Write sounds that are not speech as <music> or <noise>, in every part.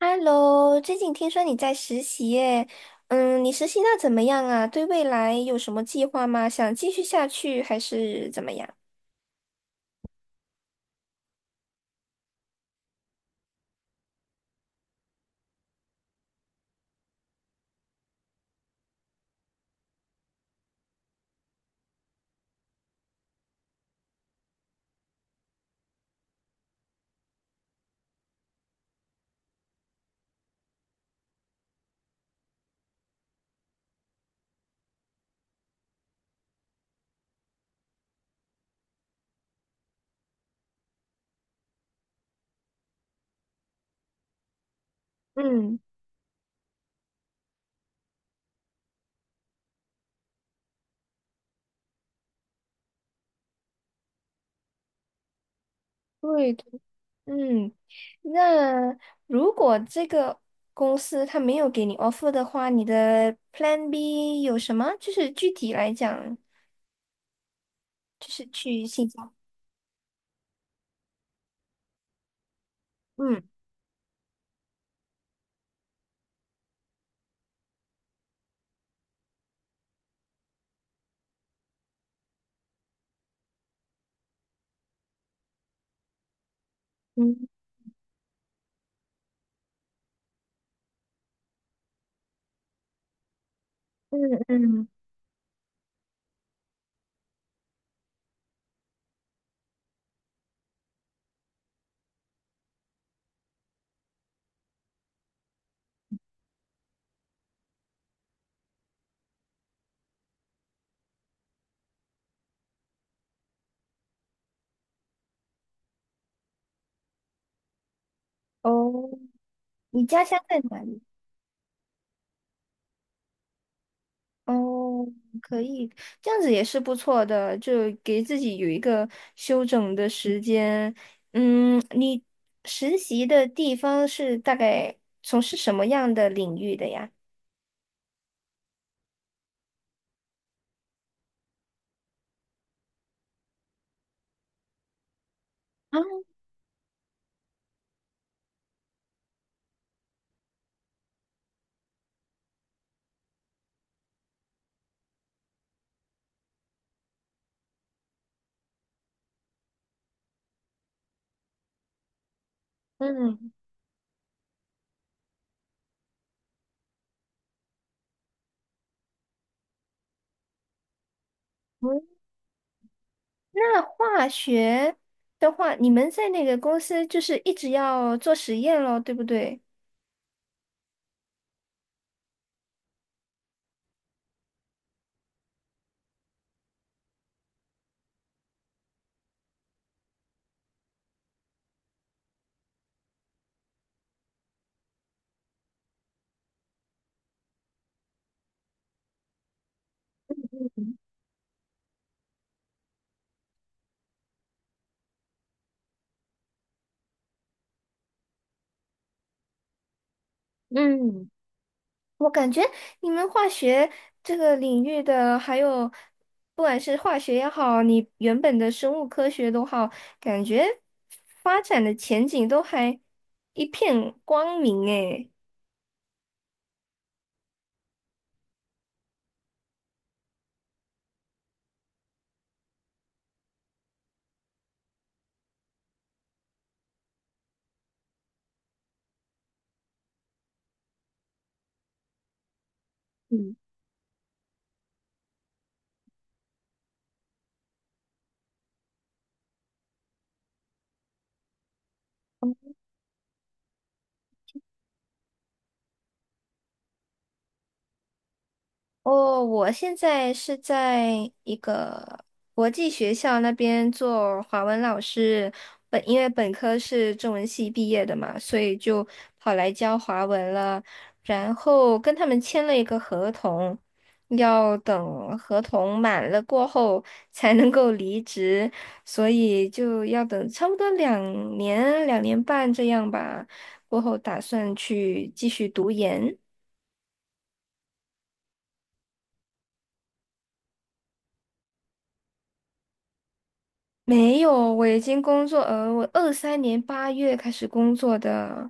Hello，最近听说你在实习耶，嗯，你实习那怎么样啊？对未来有什么计划吗？想继续下去还是怎么样？嗯，对的，嗯，那如果这个公司他没有给你 offer 的话，你的 Plan B 有什么？就是具体来讲，就是去新加坡。嗯嗯嗯嗯，哦，你家乡在哪里？哦，可以，这样子也是不错的，就给自己有一个休整的时间。嗯，你实习的地方是大概从事什么样的领域的呀？啊，嗯。嗯，那化学的话，你们在那个公司就是一直要做实验咯，对不对？嗯，我感觉你们化学这个领域的，还有不管是化学也好，你原本的生物科学都好，感觉发展的前景都还一片光明诶。嗯。哦，我现在是在一个国际学校那边做华文老师，因为本科是中文系毕业的嘛，所以就跑来教华文了。然后跟他们签了一个合同，要等合同满了过后才能够离职，所以就要等差不多两年、2年半这样吧，过后打算去继续读研。没有，我已经工作，我23年8月开始工作的，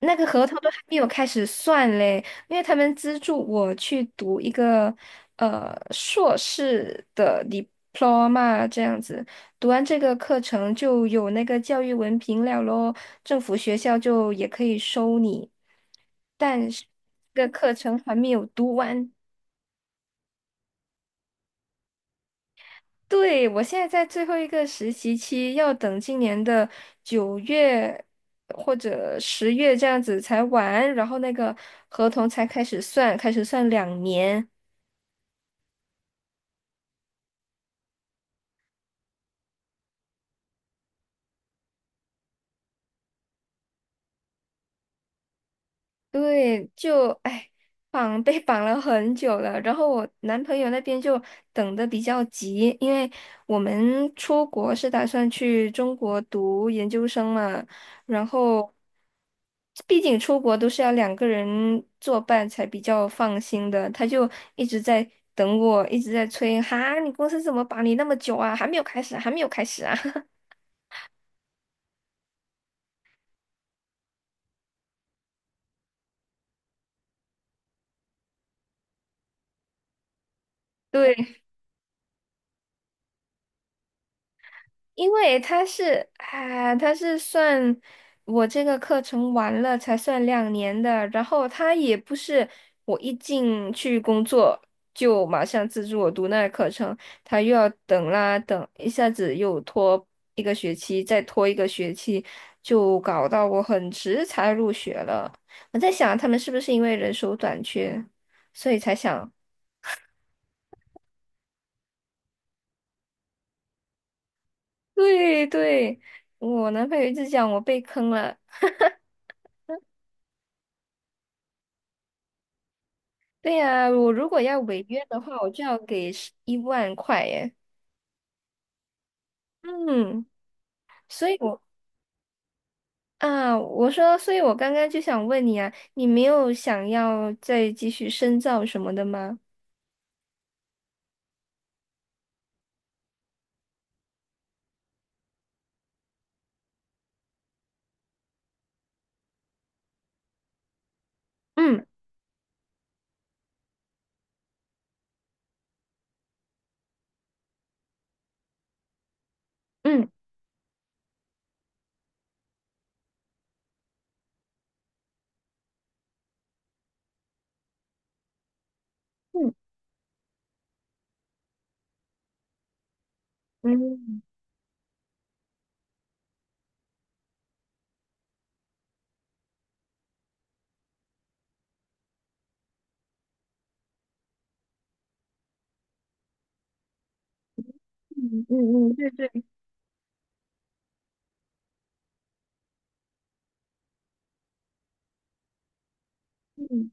那个合同都还没有开始算嘞，因为他们资助我去读一个硕士的 diploma 这样子，读完这个课程就有那个教育文凭了咯，政府学校就也可以收你，但是这个课程还没有读完。对，我现在在最后一个实习期，要等今年的9月或者10月这样子才完，然后那个合同才开始算，开始算两年。对，就哎，绑 <laughs> 被绑了很久了。然后我男朋友那边就等的比较急，因为我们出国是打算去中国读研究生嘛，然后毕竟出国都是要两个人作伴才比较放心的，他就一直在等我，一直在催，哈，你公司怎么绑你那么久啊？还没有开始啊还没有开始啊？<laughs> 对。因为他是啊，他是算我这个课程完了才算两年的，然后他也不是我一进去工作就马上资助我读那个课程，他又要等啦等，一下子又拖一个学期，再拖一个学期，就搞到我很迟才入学了。我在想他们是不是因为人手短缺，所以才想，对对，我男朋友一直讲我被坑了。对呀，我如果要违约的话，我就要给11万块耶。嗯，所以我啊，我说，所以我刚刚就想问你啊，你没有想要再继续深造什么的吗？嗯嗯嗯嗯嗯嗯嗯，对对，嗯，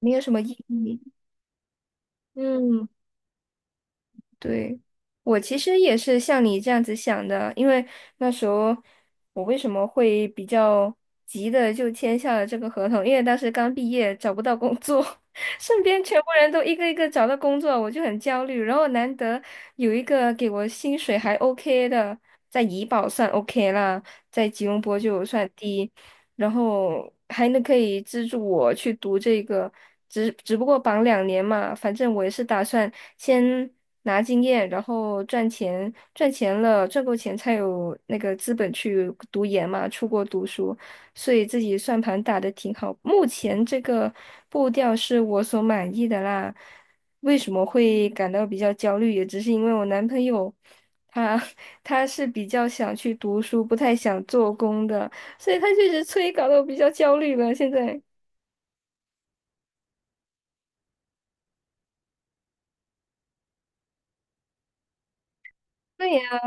没有什么意义。嗯。对，我其实也是像你这样子想的，因为那时候我为什么会比较急的就签下了这个合同？因为当时刚毕业，找不到工作，<laughs> 身边全部人都一个一个找到工作，我就很焦虑。然后难得有一个给我薪水还 OK 的，在怡保算 OK 啦，在吉隆坡就算低，然后还能可以资助我去读这个，只不过绑两年嘛，反正我也是打算先。拿经验，然后赚钱，赚钱了，赚够钱才有那个资本去读研嘛，出国读书，所以自己算盘打得挺好。目前这个步调是我所满意的啦。为什么会感到比较焦虑，也只是因为我男朋友他 <laughs> 他是比较想去读书，不太想做工的，所以他确实催搞得我比较焦虑了。现在，对呀，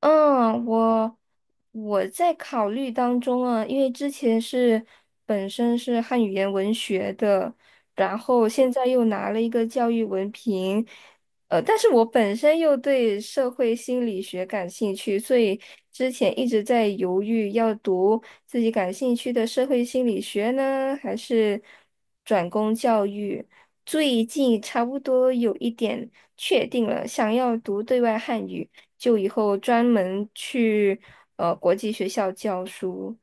嗯，我在考虑当中啊，因为之前是本身是汉语言文学的，然后现在又拿了一个教育文凭，但是我本身又对社会心理学感兴趣，所以之前一直在犹豫要读自己感兴趣的社会心理学呢，还是转攻教育。最近差不多有一点确定了，想要读对外汉语。就以后专门去国际学校教书，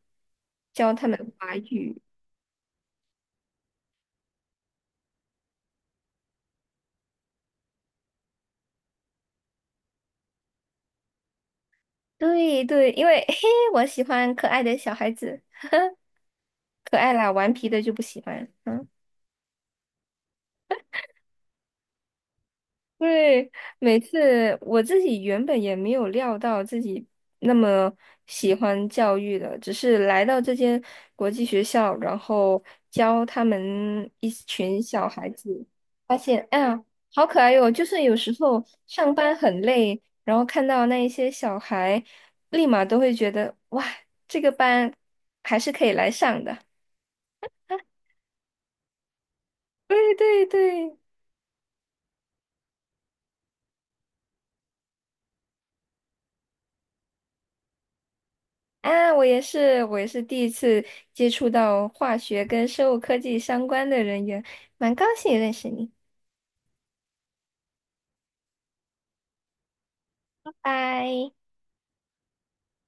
教他们华语。对对，因为嘿，我喜欢可爱的小孩子，可爱啦，顽皮的就不喜欢。嗯。对，每次我自己原本也没有料到自己那么喜欢教育的，只是来到这间国际学校，然后教他们一群小孩子，发现，哎呀，好可爱哟！就是有时候上班很累，然后看到那一些小孩，立马都会觉得，哇，这个班还是可以来上的。对对对。啊，我也是，我也是第一次接触到化学跟生物科技相关的人员，蛮高兴认识你，拜拜。